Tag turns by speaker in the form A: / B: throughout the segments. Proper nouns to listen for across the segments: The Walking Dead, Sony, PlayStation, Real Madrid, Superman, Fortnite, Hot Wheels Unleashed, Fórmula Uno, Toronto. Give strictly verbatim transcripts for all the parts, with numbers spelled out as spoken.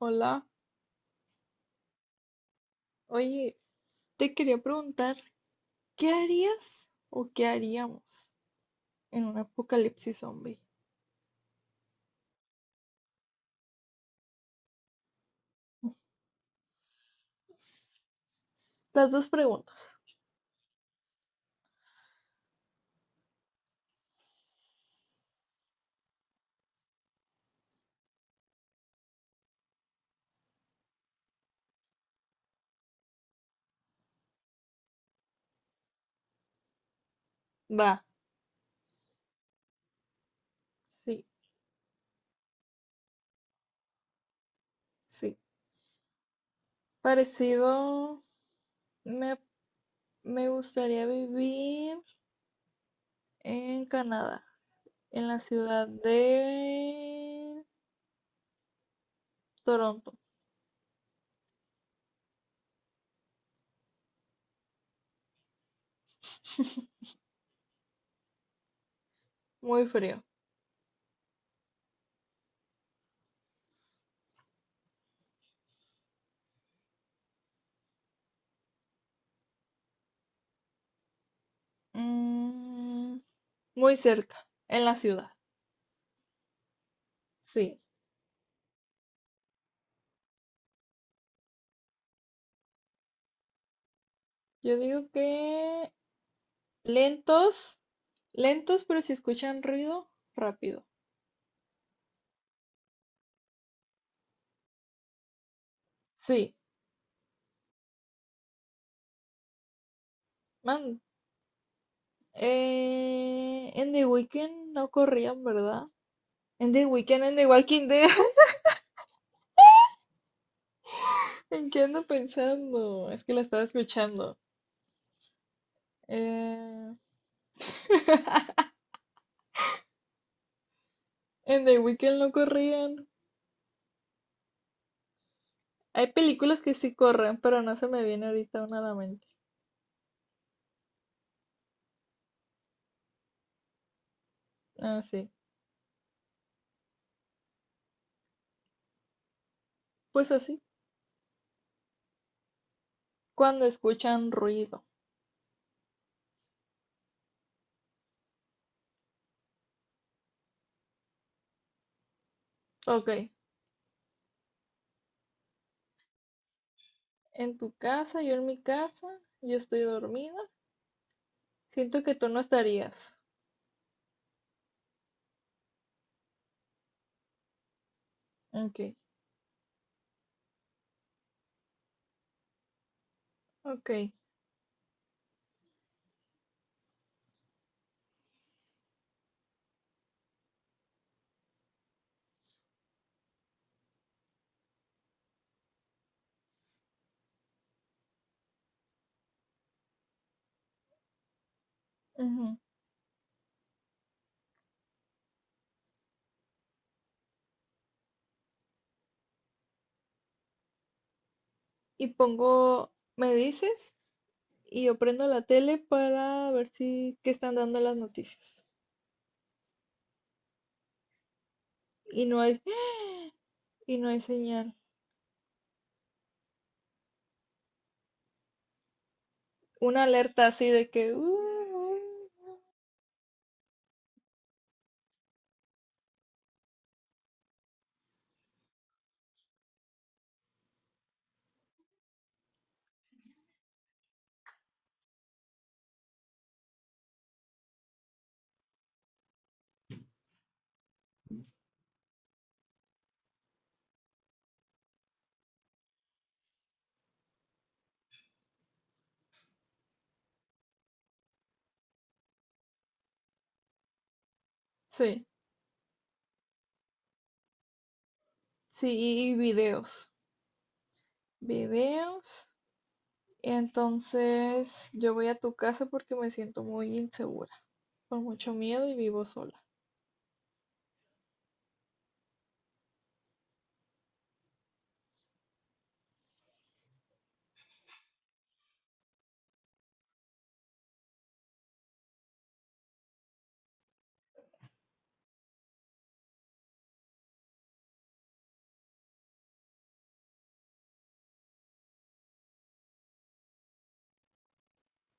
A: Hola, oye, te quería preguntar, ¿qué harías o qué haríamos en un apocalipsis zombie? Las dos preguntas. Va, sí, sí. Parecido, me, me gustaría vivir en Canadá, en la ciudad de Toronto. Muy frío. Mm, muy cerca, en la ciudad. Sí, yo digo que lentos, lentos, pero si escuchan ruido, rápido. Sí, man, eh, en The Weeknd no corrían, ¿verdad? En The Weeknd, en The Walking Dead, ¿en qué ando pensando? Es que la estaba escuchando. Eh, en The Weeknd no corrían. Hay películas que sí corren, pero no se me viene ahorita una a la mente. Ah, sí, pues así, cuando escuchan ruido. Ok, en tu casa, yo en mi casa, yo estoy dormida. Siento que tú no estarías. Ok, ok. Ujú. Y pongo, me dices, y yo prendo la tele para ver si qué están dando las noticias. Y no hay, y no hay señal. Una alerta así de que, "Uh". Sí, sí, y videos, videos. Y entonces yo voy a tu casa porque me siento muy insegura, con mucho miedo y vivo sola.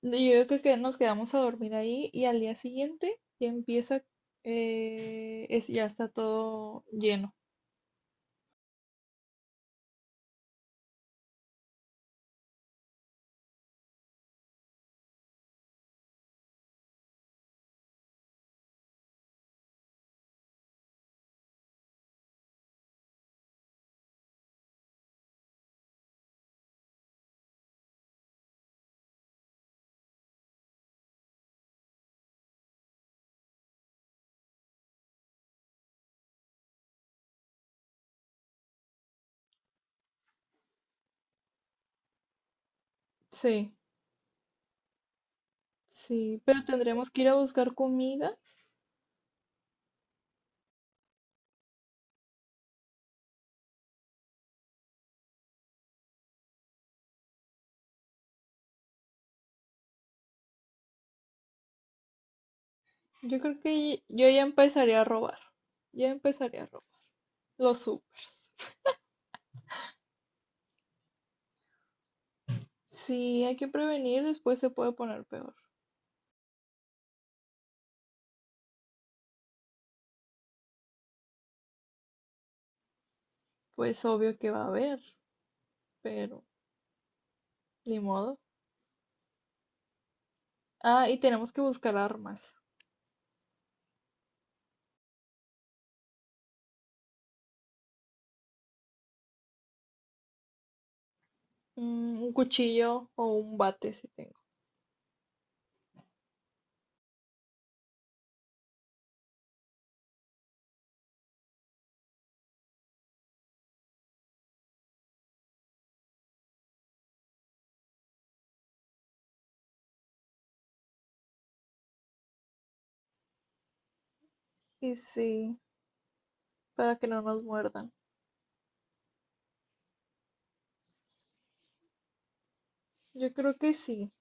A: Y yo creo que nos quedamos a dormir ahí y al día siguiente ya empieza, eh, es, ya está todo lleno. Sí. Sí, pero tendremos que ir a buscar comida. Yo creo que yo ya empezaré a robar. Ya empezaré a robar. Lo supe. Sí, hay que prevenir, después se puede poner peor. Pues obvio que va a haber, pero ni modo. Ah, y tenemos que buscar armas. Mm, un cuchillo o un bate si tengo. Y sí, para que no nos muerdan. Yo creo que sí.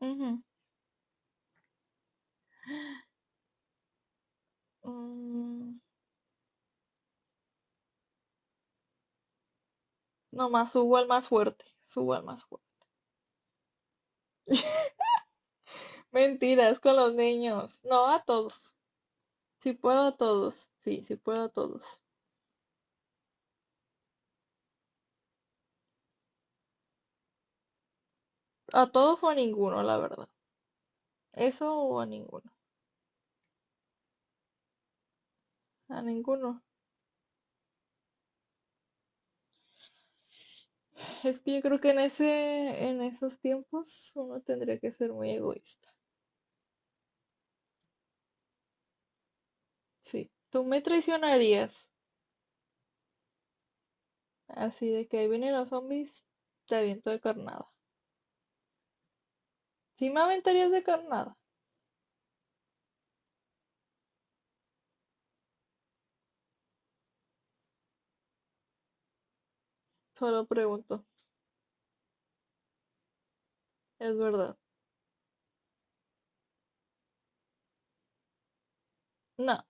A: Ujú. Mm, nomás subo al más fuerte. Subo al más fuerte. Mentiras, con los niños. No a todos. Si puedo a todos, sí, si puedo a todos. A todos o a ninguno, la verdad. Eso o a ninguno. A ninguno. Es que yo creo que en ese, en esos tiempos uno tendría que ser muy egoísta. Sí. Tú me traicionarías. Así de que ahí vienen los zombies, te aviento de carnada. ¿Sí me aventarías de carnada? Solo pregunto. Es verdad. No,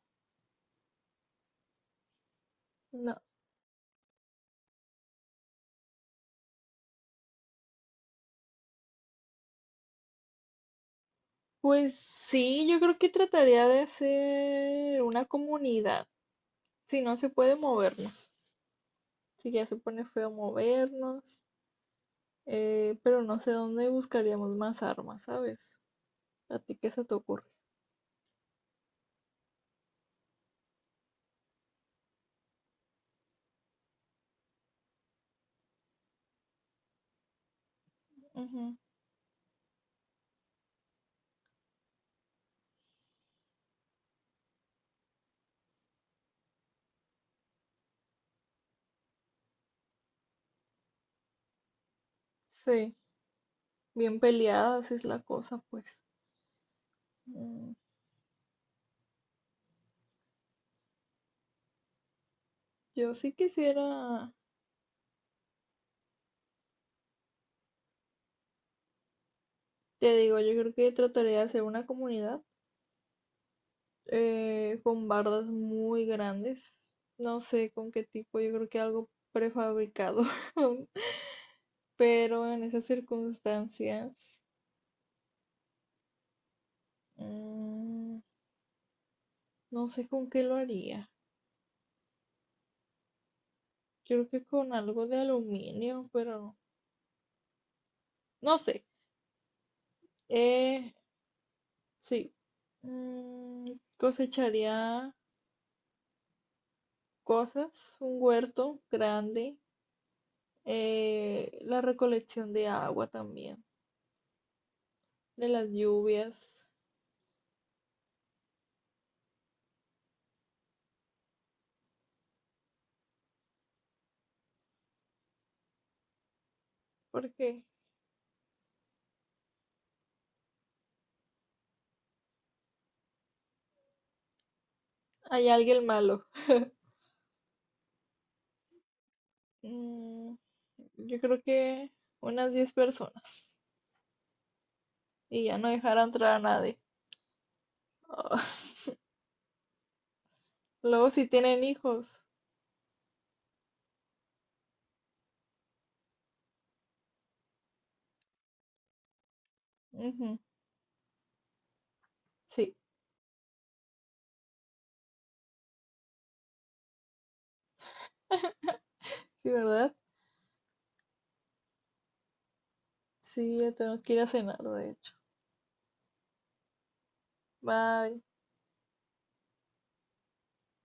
A: no. Pues sí, yo creo que trataría de hacer una comunidad. Si no se puede movernos. Así que ya se pone feo movernos, eh, pero no sé dónde buscaríamos más armas, ¿sabes? ¿A ti qué se te ocurre? Ujú. Sí, bien peleadas es la cosa, pues. Mm, yo sí quisiera, te digo, yo creo que trataría de hacer una comunidad eh, con bardas muy grandes. No sé con qué tipo, yo creo que algo prefabricado. Pero en esas circunstancias, mm, no sé con qué lo haría. Creo que con algo de aluminio, pero no sé. Eh, sí. Mm, cosecharía cosas, un huerto grande, eh, la recolección de agua también, de las lluvias, porque hay alguien malo. Mm, yo creo que unas diez personas y ya no dejar entrar a nadie. Ah, Luego si tienen hijos. Ujú, sí, sí, ¿verdad? Sí, ya tengo que ir a cenar, de hecho. Bye.